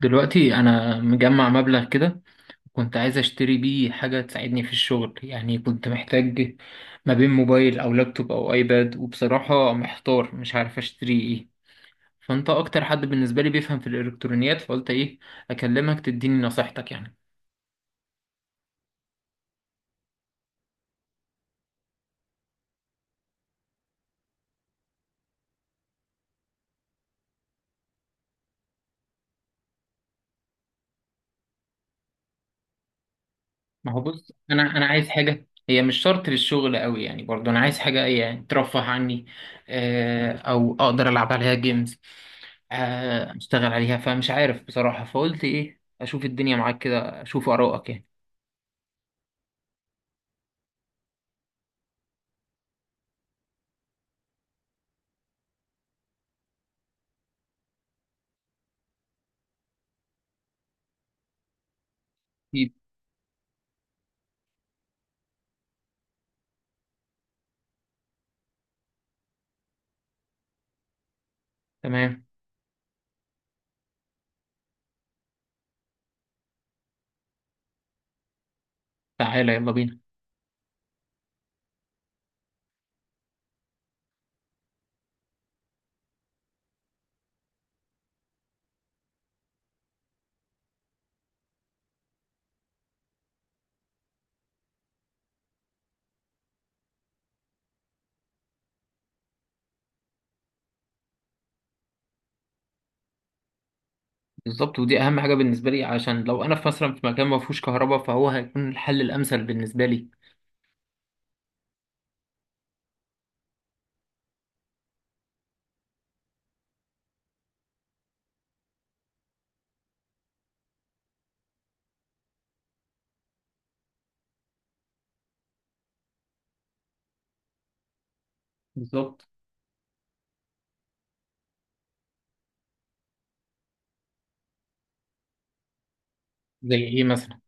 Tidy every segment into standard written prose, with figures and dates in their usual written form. دلوقتي انا مجمع مبلغ كده. كنت عايز اشتري بيه حاجة تساعدني في الشغل، يعني كنت محتاج ما بين موبايل او لابتوب او ايباد، وبصراحة محتار مش عارف اشتري ايه. فانت اكتر حد بالنسبة لي بيفهم في الالكترونيات، فقلت ايه اكلمك تديني نصيحتك يعني. ما هو بص، انا عايز حاجه هي مش شرط للشغل قوي، يعني برضو انا عايز حاجه يعني ترفه عني. آه، او اقدر العب عليها جيمز. اشتغل عليها، فمش عارف بصراحه، فقلت ايه اشوف الدنيا معاك كده اشوف ارائك يعني. أكيد. تمام. تعالى يلا بينا. بالظبط، ودي اهم حاجه بالنسبه لي، عشان لو انا في مثلا في مكان ما فيهوش كهرباء، فهو هيكون الحل الامثل بالنسبه لي. بالظبط. زي ايه مثلا؟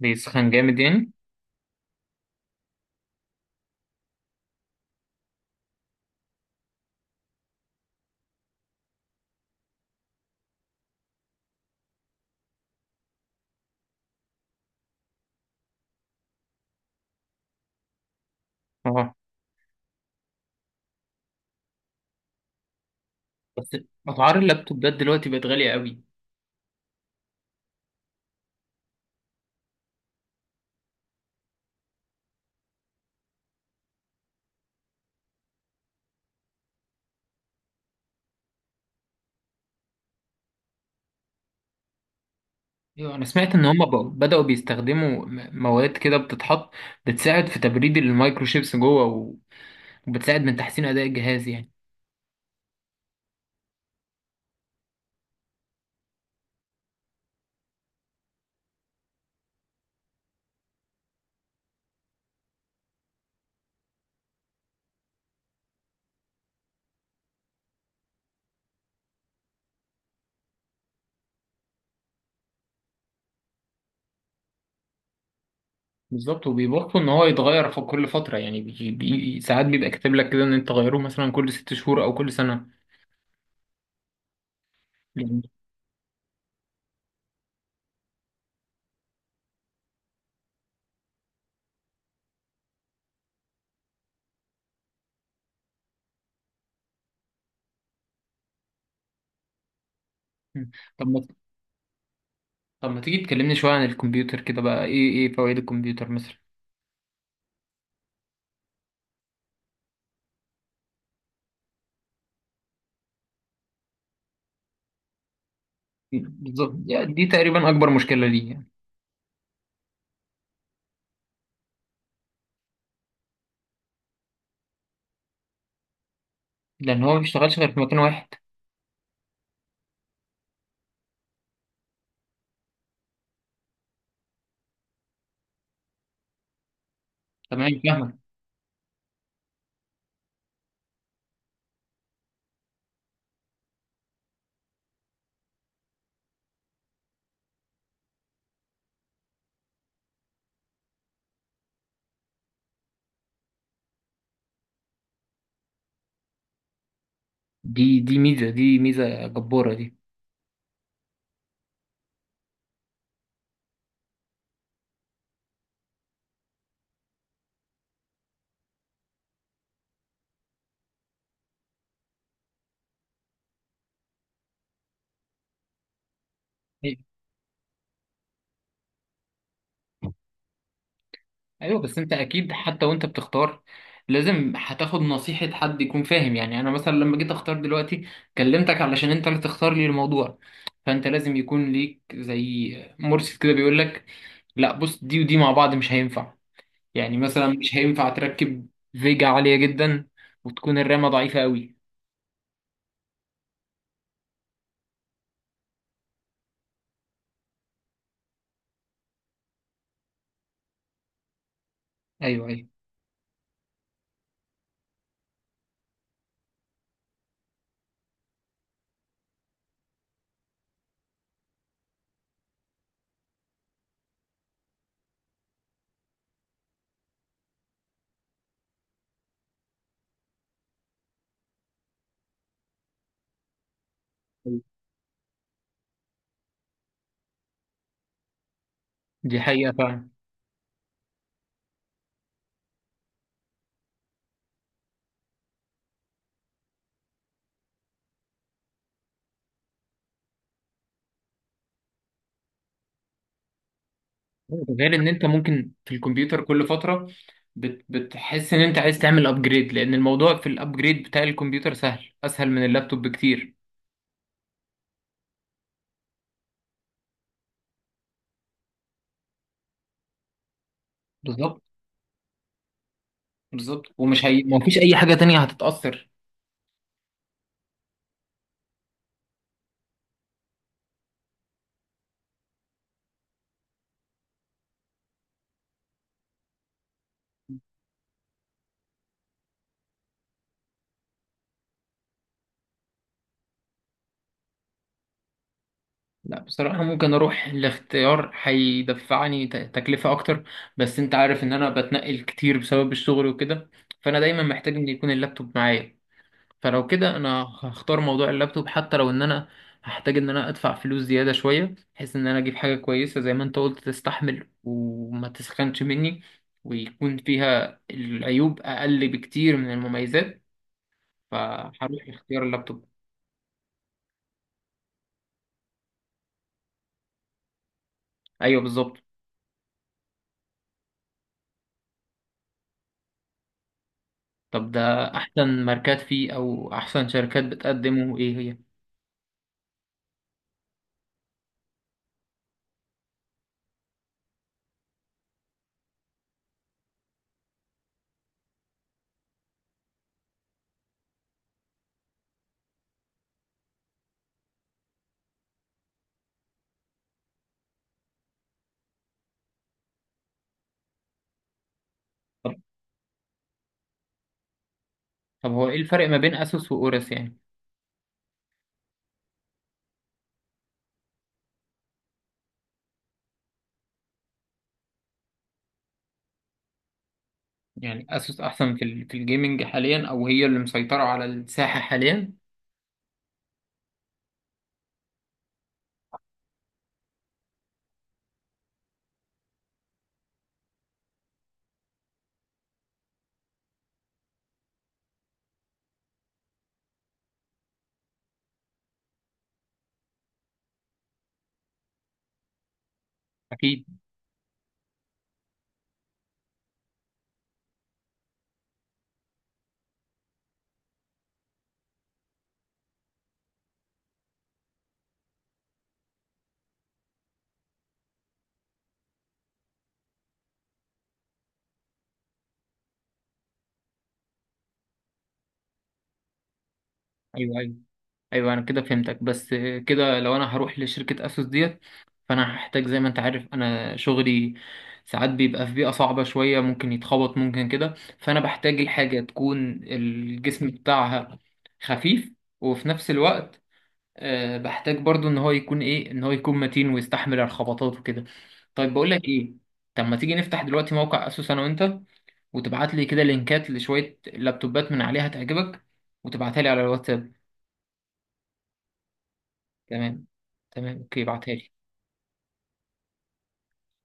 بيسخن جامد يعني؟ اه. بس اسعار اللابتوبات دلوقتي بقت غاليه قوي. ايوه انا سمعت ان هم بدأوا بيستخدموا مواد كده بتتحط بتساعد في تبريد المايكروشيبس جوه وبتساعد من تحسين اداء الجهاز يعني. بالظبط، وبيبطلوا ان هو يتغير في كل فتره، يعني بي بي ساعات بيبقى كاتب لك كده ان انت تغيره مثلا كل 6 شهور او كل سنه يعني. مم. طب ما طب ما تيجي تكلمني شويه عن الكمبيوتر كده، بقى ايه فوائد الكمبيوتر مثلا؟ بالظبط، يعني دي تقريبا اكبر مشكله ليه يعني. لان هو ما بيشتغلش غير في مكان واحد. تمام، فاهمك. دي ميزه، دي ميزه جباره دي. أيوة. ايوه بس انت اكيد حتى وانت بتختار لازم هتاخد نصيحة حد يكون فاهم، يعني انا مثلا لما جيت اختار دلوقتي كلمتك علشان انت اللي تختار لي الموضوع. فانت لازم يكون ليك زي مرشد كده بيقول لك لا بص دي ودي مع بعض مش هينفع. يعني مثلا مش هينفع تركب فيجا عالية جدا وتكون الرامة ضعيفة قوي. ايوه، ايوه. دي حقيقة فعلا. غير ان انت ممكن في الكمبيوتر كل فتره بتحس ان انت عايز تعمل ابجريد، لان الموضوع في الابجريد بتاع الكمبيوتر سهل اسهل من اللابتوب بكتير. بالظبط، بالظبط، ومش ما فيش اي حاجه تانية هتتاثر. لا بصراحه ممكن اروح لاختيار هيدفعني تكلفه اكتر، بس انت عارف ان انا بتنقل كتير بسبب الشغل وكده، فانا دايما محتاج ان يكون اللابتوب معايا. فلو كده انا هختار موضوع اللابتوب، حتى لو ان انا هحتاج ان انا ادفع فلوس زيادة شوية، بحيث ان انا اجيب حاجة كويسة زي ما انت قلت تستحمل وما تسخنش مني ويكون فيها العيوب اقل بكتير من المميزات. فهروح لاختيار اللابتوب. ايوه بالظبط. طب ده احسن ماركات فيه او احسن شركات بتقدمه ايه هي؟ طب طب هو ايه الفرق ما بين اسوس واورس يعني؟ يعني اسوس احسن في في الجيمنج حاليا، او هي اللي مسيطرة على الساحة حاليا؟ اكيد. ايوه، ايوه، ايوه، انا كده فهمتك. بس كده لو انا هروح لشركه اسوس ديت، فانا هحتاج زي ما انت عارف انا شغلي ساعات بيبقى في بيئه صعبه شويه، ممكن يتخبط ممكن كده، فانا بحتاج الحاجه تكون الجسم بتاعها خفيف، وفي نفس الوقت بحتاج برضو ان هو يكون متين ويستحمل الخبطات وكده. طيب بقول لك ايه؟ طب ما تيجي نفتح دلوقتي موقع اسوس انا وانت وتبعت لي كده لينكات لشويه لابتوبات من عليها تعجبك، وتبعتها لي على الواتساب. تمام. تمام اوكي، ابعتها لي.